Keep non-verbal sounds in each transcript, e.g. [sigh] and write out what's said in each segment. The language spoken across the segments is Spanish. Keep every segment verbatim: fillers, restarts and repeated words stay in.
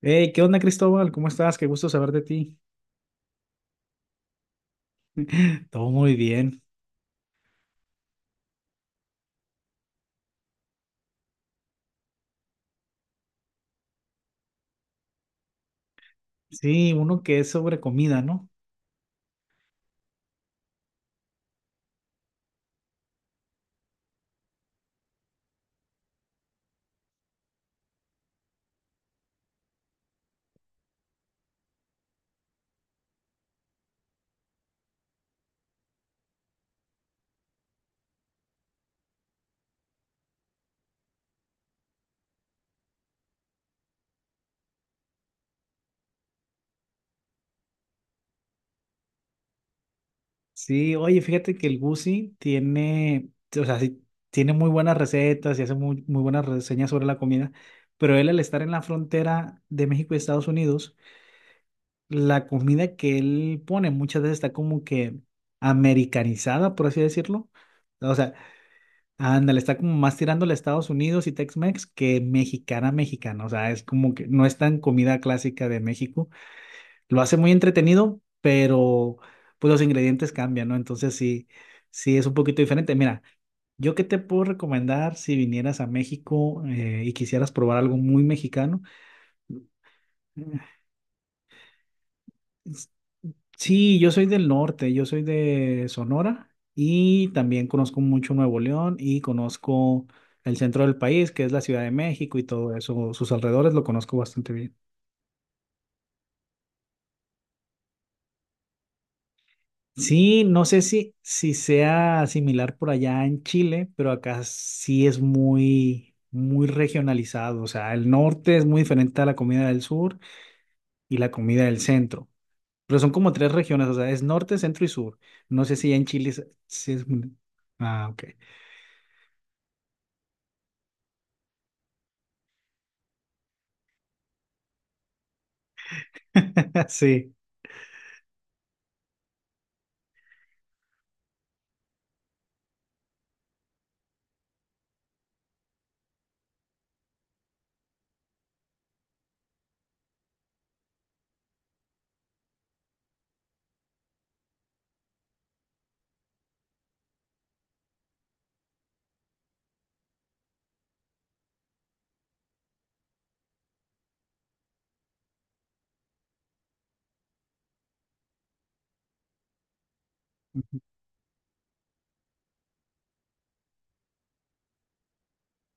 Hey, ¿qué onda, Cristóbal? ¿Cómo estás? Qué gusto saber de ti. [laughs] Todo muy bien. Sí, uno que es sobre comida, ¿no? Sí, oye, fíjate que el Gusi tiene, o sea, sí, tiene muy buenas recetas y hace muy, muy buenas reseñas sobre la comida, pero él al estar en la frontera de México y Estados Unidos, la comida que él pone muchas veces está como que americanizada, por así decirlo. O sea, ándale, está como más tirándole a Estados Unidos y Tex-Mex que mexicana mexicana. O sea, es como que no es tan comida clásica de México. Lo hace muy entretenido, pero pues los ingredientes cambian, ¿no? Entonces sí, sí es un poquito diferente. Mira, yo qué te puedo recomendar si vinieras a México eh, y quisieras probar algo muy mexicano. Sí, yo soy del norte, yo soy de Sonora y también conozco mucho Nuevo León y conozco el centro del país, que es la Ciudad de México y todo eso, sus alrededores lo conozco bastante bien. Sí, no sé si, si sea similar por allá en Chile, pero acá sí es muy, muy regionalizado. O sea, el norte es muy diferente a la comida del sur y la comida del centro. Pero son como tres regiones, o sea, es norte, centro y sur. No sé si ya en Chile es... si es- Ah, ok. [laughs] Sí,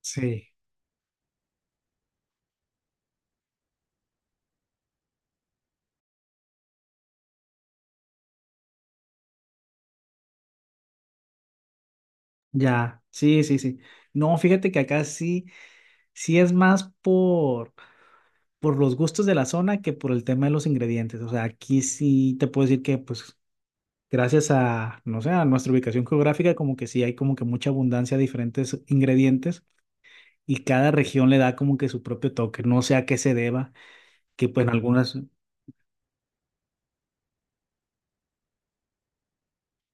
sí, ya, sí, sí, sí. No, fíjate que acá sí, sí es más por, por los gustos de la zona que por el tema de los ingredientes. O sea, aquí sí te puedo decir que, pues, gracias a, no sé, a nuestra ubicación geográfica, como que sí hay como que mucha abundancia de diferentes ingredientes y cada región le da como que su propio toque. No sé a qué se deba, que pues en algunas,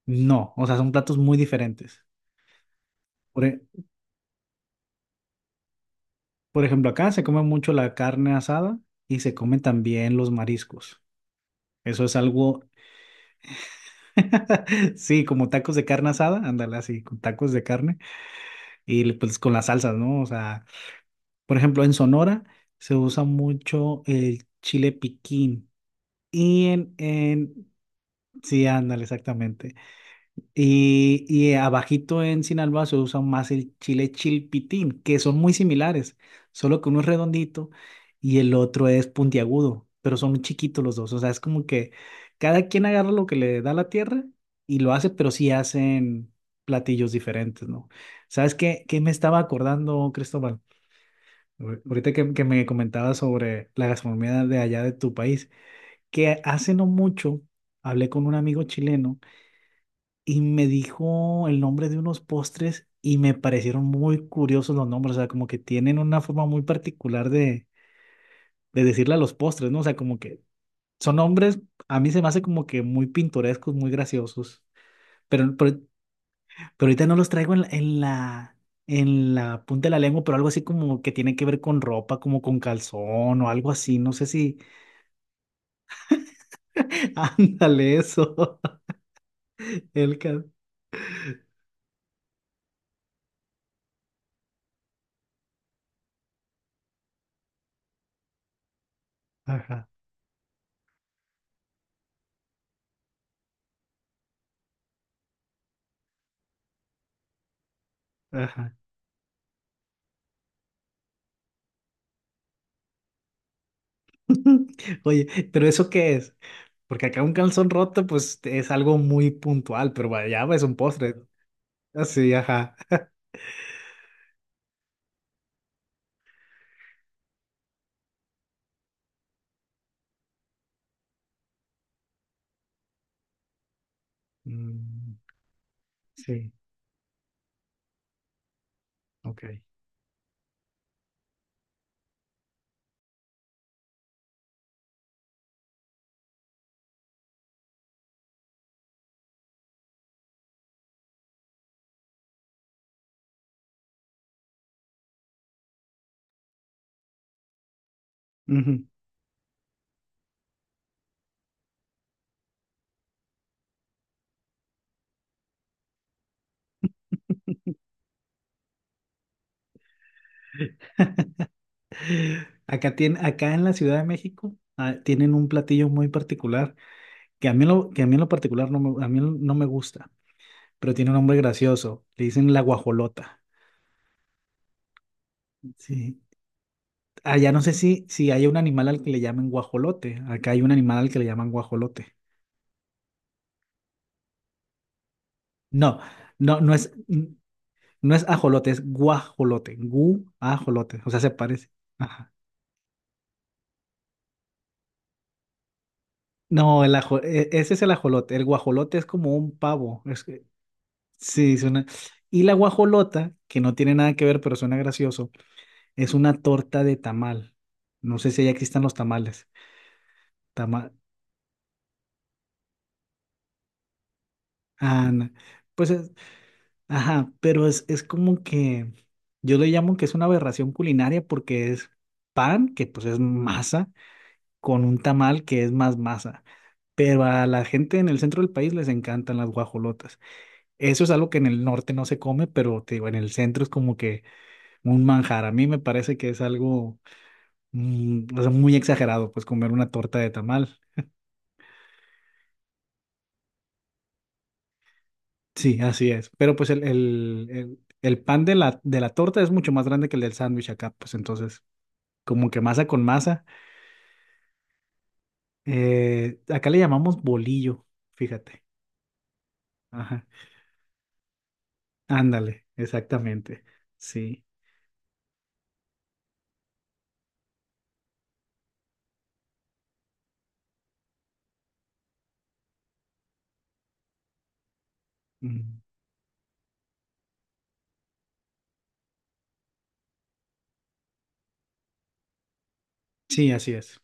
no, o sea, son platos muy diferentes. Por ejemplo, acá se come mucho la carne asada y se comen también los mariscos. Eso es algo, [laughs] sí, como tacos de carne asada, ándale así, con tacos de carne y pues con las salsas, ¿no? O sea, por ejemplo, en Sonora se usa mucho el chile piquín y en, en, sí, ándale, exactamente. Y, y abajito en Sinaloa se usa más el chile chilpitín, que son muy similares, solo que uno es redondito y el otro es puntiagudo, pero son muy chiquitos los dos. O sea, es como que cada quien agarra lo que le da la tierra y lo hace, pero sí hacen platillos diferentes, ¿no? ¿Sabes qué, qué me estaba acordando, Cristóbal? Ahor- Ahorita que, que me comentabas sobre la gastronomía de allá de tu país, que hace no mucho hablé con un amigo chileno y me dijo el nombre de unos postres y me parecieron muy curiosos los nombres, o sea, como que tienen una forma muy particular de, de decirle a los postres, ¿no? O sea, como que son nombres, a mí se me hace como que muy pintorescos, muy graciosos, pero, pero, pero ahorita no los traigo en la, en la, en la punta de la lengua, pero algo así como que tiene que ver con ropa, como con calzón o algo así, no sé si, [laughs] ándale eso, [laughs] el cal... Ajá, ajá. [laughs] Oye, ¿pero eso qué es? Porque acá un calzón roto, pues es algo muy puntual, pero allá es un postre. Así, ajá. Mm, sí, ok. Ujú. Acá, tiene, acá en la Ciudad de México ah, tienen un platillo muy particular que a mí, lo, que a mí en lo particular no me, a mí no me gusta, pero tiene un nombre gracioso. Le dicen la guajolota. Sí. Allá no sé si, si hay un animal al que le llamen guajolote. Acá hay un animal al que le llaman guajolote. No, no, no es. No es ajolote, es guajolote. Guajolote, o sea, se parece. Ajá. No, el ajo, e- ese es el ajolote. El guajolote es como un pavo. Es que, sí, suena. Y la guajolota, que no tiene nada que ver, pero suena gracioso, es una torta de tamal. No sé si ya existan los tamales. Tamal. Ah, no. Pues es, ajá, pero es, es como que yo le llamo que es una aberración culinaria porque es pan, que pues es masa con un tamal que es más masa. Pero a la gente en el centro del país les encantan las guajolotas. Eso es algo que en el norte no se come, pero te digo, en el centro es como que un manjar. A mí me parece que es algo mm, o sea, muy exagerado, pues comer una torta de tamal. Sí, así es. Pero pues el, el, el, el pan de la, de la torta es mucho más grande que el del sándwich acá, pues entonces, como que masa con masa. Eh, acá le llamamos bolillo, fíjate. Ajá. Ándale, exactamente. Sí. Ujú. Sí, así es.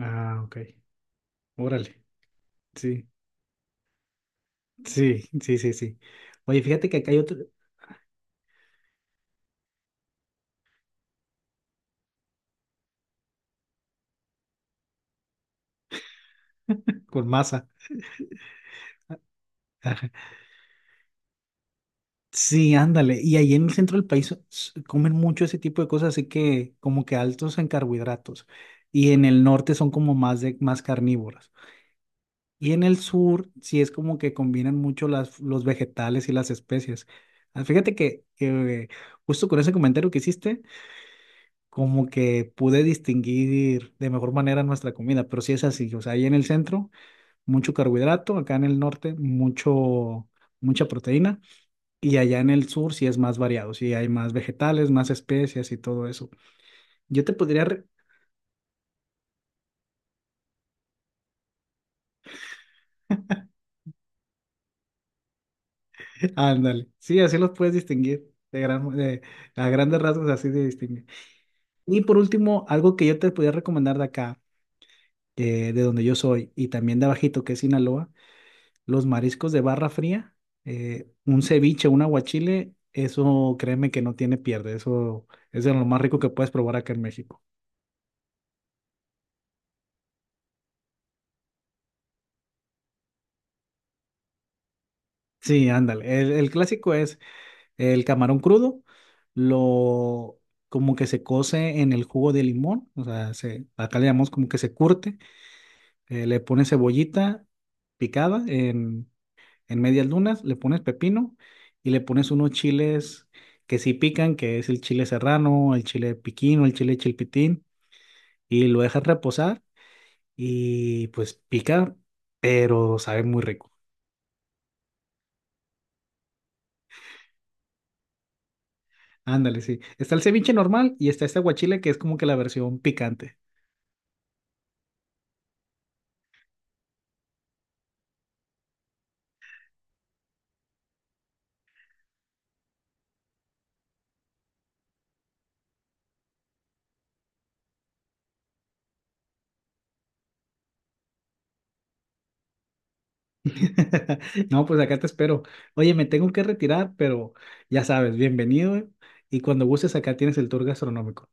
Ah, ok. Órale. Sí, sí, sí, sí, sí. Oye, fíjate que acá hay otro con masa. [laughs] Sí, ándale. Y ahí en el centro del país s- comen mucho ese tipo de cosas, así que como que altos en carbohidratos. Y en el norte son como más de más carnívoras. Y en el sur sí es como que combinan mucho las, los vegetales y las especias. Ah, fíjate que, que, eh, justo con ese comentario que hiciste, como que pude distinguir de mejor manera nuestra comida, pero sí es así, o sea, ahí en el centro mucho carbohidrato, acá en el norte mucho mucha proteína y allá en el sur sí es más variado, sí hay más vegetales, más especias y todo eso. Yo te podría re- [laughs] ándale, sí, así los puedes distinguir. De gran, de- a grandes rasgos así de distinguir. Y por último, algo que yo te podría recomendar de acá, eh, de donde yo soy, y también de abajito, que es Sinaloa, los mariscos de barra fría, eh, un ceviche, un aguachile, eso créeme que no tiene pierde, eso es de lo más rico que puedes probar acá en México. Sí, ándale, el, el clásico es el camarón crudo, lo como que se cose en el jugo de limón, o sea, se, acá le llamamos como que se curte, eh, le pones cebollita picada en, en medias lunas, le pones pepino y le pones unos chiles que sí pican, que es el chile serrano, el chile piquín o el chile chilpitín. Y lo dejas reposar y pues pica, pero sabe muy rico. Ándale, sí. Está el ceviche normal y está este aguachile que es como que la versión picante. [laughs] No, pues acá te espero. Oye, me tengo que retirar, pero ya sabes, bienvenido, ¿eh? Y cuando gustes acá tienes el tour gastronómico.